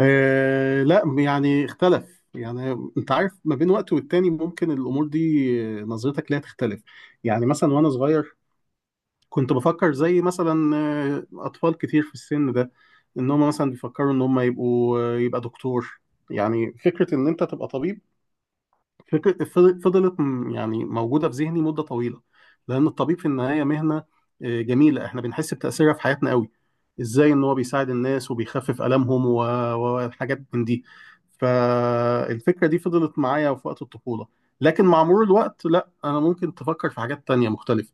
آه، لا، يعني اختلف. يعني انت عارف ما بين وقت والتاني ممكن الامور دي نظرتك ليها تختلف. يعني مثلا وانا صغير كنت بفكر زي مثلا اطفال كتير في السن ده، ان هم مثلا بيفكروا ان هم يبقوا آه، يبقى دكتور. يعني فكرة ان انت تبقى طبيب، فكرة فضلت يعني موجودة في ذهني مدة طويلة. لأن الطبيب في النهاية مهنة جميلة، إحنا بنحس بتأثيرها في حياتنا قوي. إزاي إن هو بيساعد الناس وبيخفف آلامهم و- وحاجات من دي. فالفكرة دي فضلت معايا في وقت الطفولة، لكن مع مرور الوقت لا، أنا ممكن تفكر في حاجات تانية مختلفة.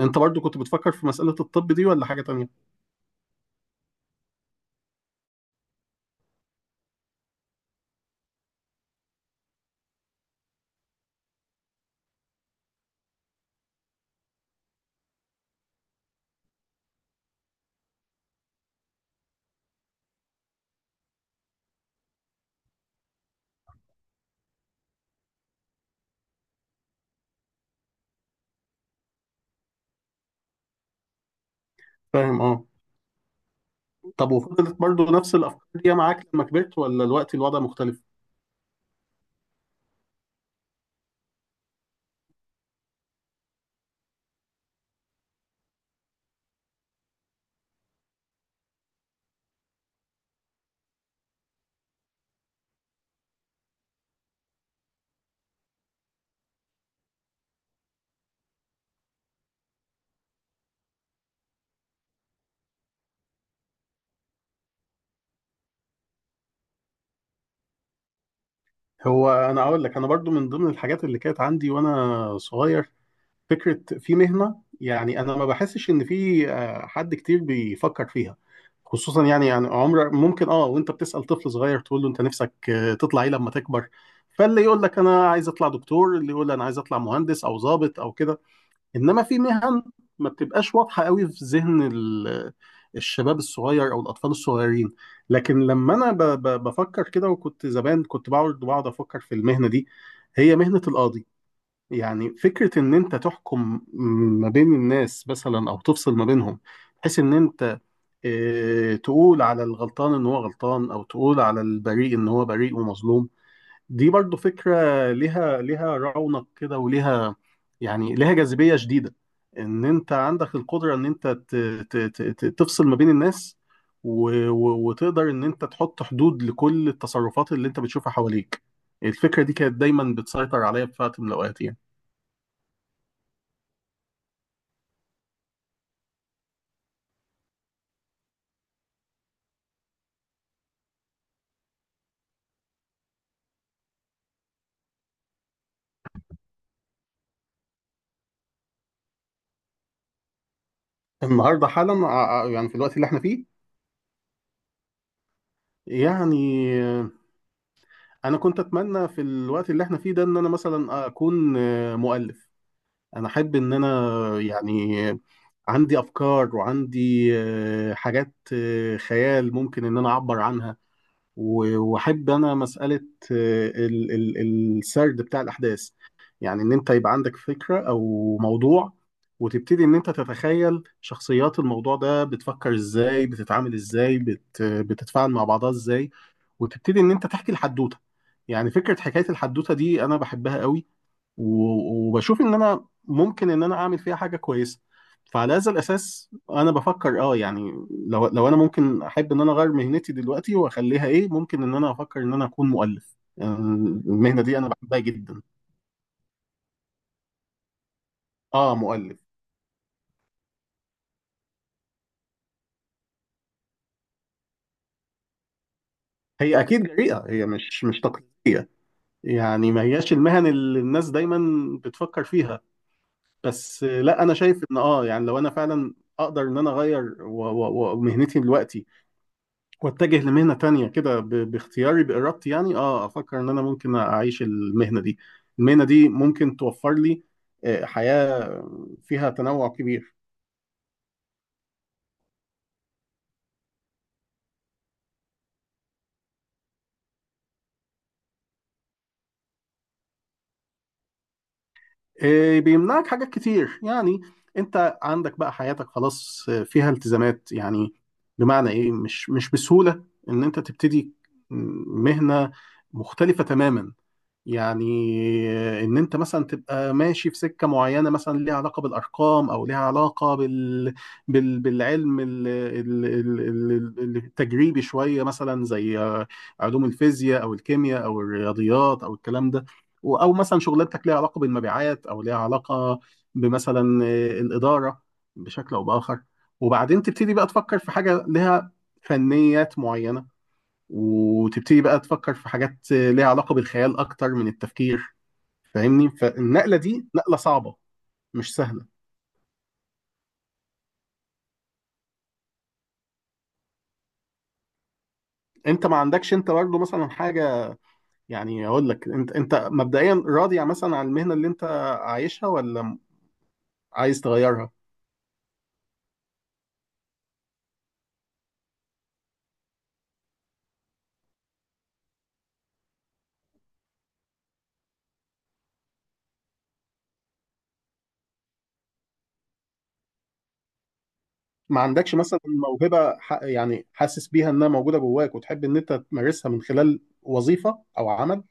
أنت برضو كنت بتفكر في مسألة الطب دي ولا حاجة تانية؟ فاهم، أه. طب وفضلت برضو نفس الأفكار دي معاك لما كبرت ولا الوقت الوضع مختلف؟ هو انا اقول لك انا برضو من ضمن الحاجات اللي كانت عندي وانا صغير، فكره في مهنه، يعني انا ما بحسش ان في حد كتير بيفكر فيها. خصوصا يعني عمر ممكن وانت بتسال طفل صغير تقول له انت نفسك تطلع ايه لما تكبر، فاللي يقول لك انا عايز اطلع دكتور، اللي يقول انا عايز اطلع مهندس او ضابط او كده. انما في مهن ما بتبقاش واضحه قوي في ذهن الشباب الصغير او الاطفال الصغيرين. لكن لما انا بفكر كده وكنت زمان، كنت بقعد افكر في المهنه دي، هي مهنه القاضي. يعني فكره ان انت تحكم ما بين الناس مثلا او تفصل ما بينهم، بحيث ان انت تقول على الغلطان ان هو غلطان او تقول على البريء ان هو بريء ومظلوم. دي برضو فكرة ليها رونق كده وليها، يعني ليها جاذبية شديدة. ان انت عندك القدرة ان انت تفصل ما بين الناس، وتقدر ان انت تحط حدود لكل التصرفات اللي انت بتشوفها حواليك. الفكرة دي كانت دايما بتسيطر عليا في وقت من الاوقات يعني. النهاردة حالا يعني في الوقت اللي احنا فيه، يعني آه، انا كنت اتمنى في الوقت اللي احنا فيه ده ان انا مثلا اكون مؤلف. انا احب ان انا، يعني، عندي افكار وعندي حاجات، خيال ممكن ان انا اعبر عنها. واحب انا مساله السرد بتاع الاحداث. يعني ان انت يبقى عندك فكره او موضوع، وتبتدي ان انت تتخيل شخصيات الموضوع ده بتفكر ازاي، بتتعامل ازاي، بتتفاعل مع بعضها ازاي، وتبتدي ان انت تحكي الحدوته. يعني فكره حكايه الحدوته دي انا بحبها قوي، وبشوف ان انا ممكن ان انا اعمل فيها حاجه كويسه. فعلى هذا الاساس انا بفكر يعني، لو انا ممكن احب ان انا اغير مهنتي دلوقتي واخليها ايه، ممكن ان انا افكر ان انا اكون مؤلف يعني. المهنه دي انا بحبها جدا. اه، مؤلف. هي اكيد جريئه، هي مش تقليديه. يعني ما هياش المهن اللي الناس دايما بتفكر فيها. بس لا، انا شايف ان يعني لو انا فعلا اقدر ان انا اغير و- ومهنتي دلوقتي واتجه لمهنة تانية كده باختياري بإرادتي، يعني افكر ان انا ممكن اعيش المهنة دي. المهنة دي ممكن توفر لي حياة فيها تنوع كبير. بيمنعك حاجات كتير يعني. انت عندك بقى حياتك خلاص فيها التزامات. يعني بمعنى ايه؟ مش بسهولة ان انت تبتدي مهنة مختلفة تماما. يعني ان انت مثلا تبقى ماشي في سكه معينه مثلا ليها علاقه بالارقام او ليها علاقه بالعلم التجريبي شويه مثلا زي علوم الفيزياء او الكيمياء او الرياضيات او الكلام ده. او مثلا شغلانتك ليها علاقه بالمبيعات او ليها علاقه بمثلا الاداره بشكل او باخر، وبعدين تبتدي بقى تفكر في حاجه لها فنيات معينه، وتبتدي بقى تفكر في حاجات ليها علاقة بالخيال أكتر من التفكير. فاهمني؟ فالنقلة دي نقلة صعبة، مش سهلة. انت ما عندكش انت برضه مثلا حاجة، يعني اقول لك انت مبدئيا راضي مثلا عن المهنة اللي انت عايشها ولا عايز تغيرها؟ ما عندكش مثلا موهبة يعني حاسس بيها انها موجودة جواك وتحب ان انت تمارسها من خلال وظيفة او عمل؟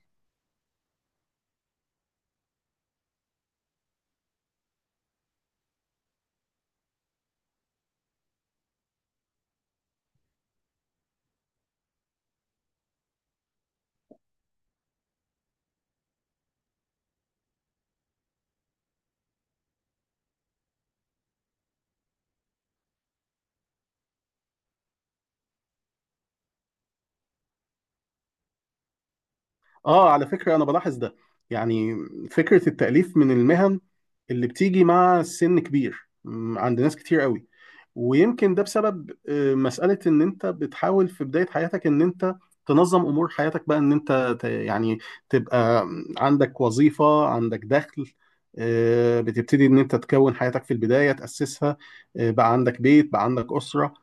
اه، على فكرة انا بلاحظ ده، يعني فكرة التأليف من المهن اللي بتيجي مع سن كبير عند ناس كتير قوي. ويمكن ده بسبب مسألة ان انت بتحاول في بداية حياتك ان انت تنظم امور حياتك بقى، ان انت يعني تبقى عندك وظيفة، عندك دخل، بتبتدي ان انت تكون حياتك في البداية، تأسسها، بقى عندك بيت، بقى عندك أسرة.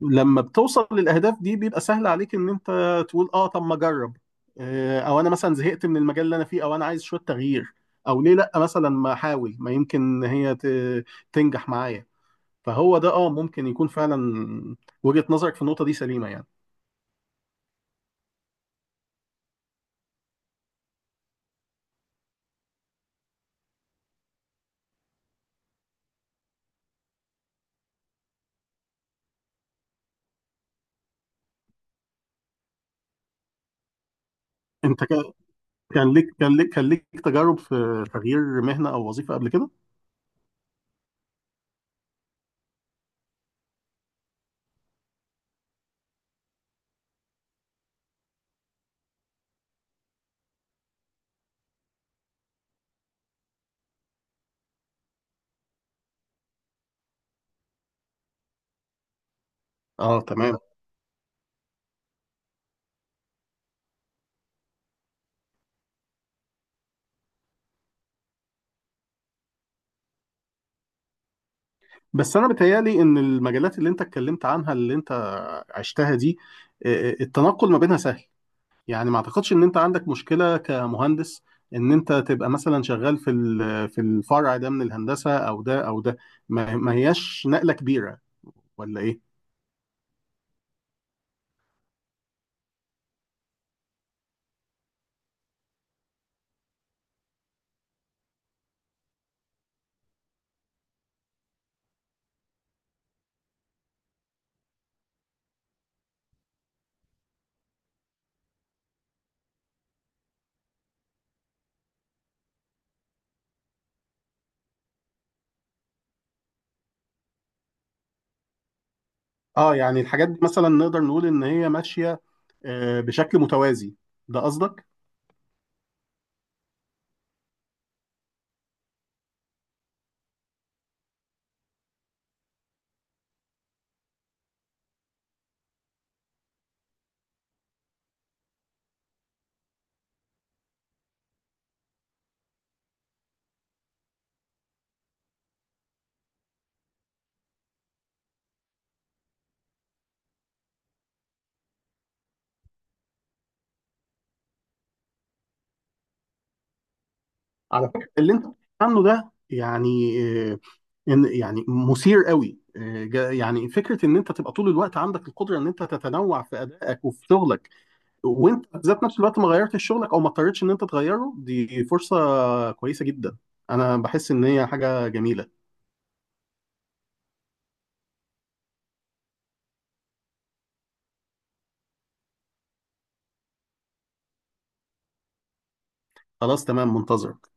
لما بتوصل للاهداف دي بيبقى سهل عليك ان انت تقول اه طب ما اجرب، او انا مثلا زهقت من المجال اللي انا فيه، او انا عايز شويه تغيير، او ليه لا مثلا ما احاول، ما يمكن هي تنجح معايا. فهو ده ممكن يكون فعلا وجهة نظرك في النقطه دي سليمه يعني. انت كان ليك تجارب في تغيير مهنه او وظيفه قبل كده؟ اه، تمام. بس انا بتهيالي ان المجالات اللي انت اتكلمت عنها اللي انت عشتها دي، التنقل ما بينها سهل. يعني ما اعتقدش ان انت عندك مشكلة كمهندس ان انت تبقى مثلا شغال في في الفرع ده من الهندسة او ده او ده، ما هياش نقلة كبيرة، ولا ايه؟ اه يعني الحاجات دي مثلا نقدر نقول ان هي ماشية بشكل متوازي، ده قصدك؟ على فكرة اللي انت بتتكلم عنه ده، يعني آه، ان يعني مثير قوي. يعني فكرة ان انت تبقى طول الوقت عندك القدرة ان انت تتنوع في ادائك وفي شغلك، وانت ذات نفس الوقت ما غيرتش شغلك او ما اضطرتش ان انت تغيره، دي فرصة كويسة جدا. انا بحس ان هي حاجة جميلة. خلاص، تمام، منتظرك.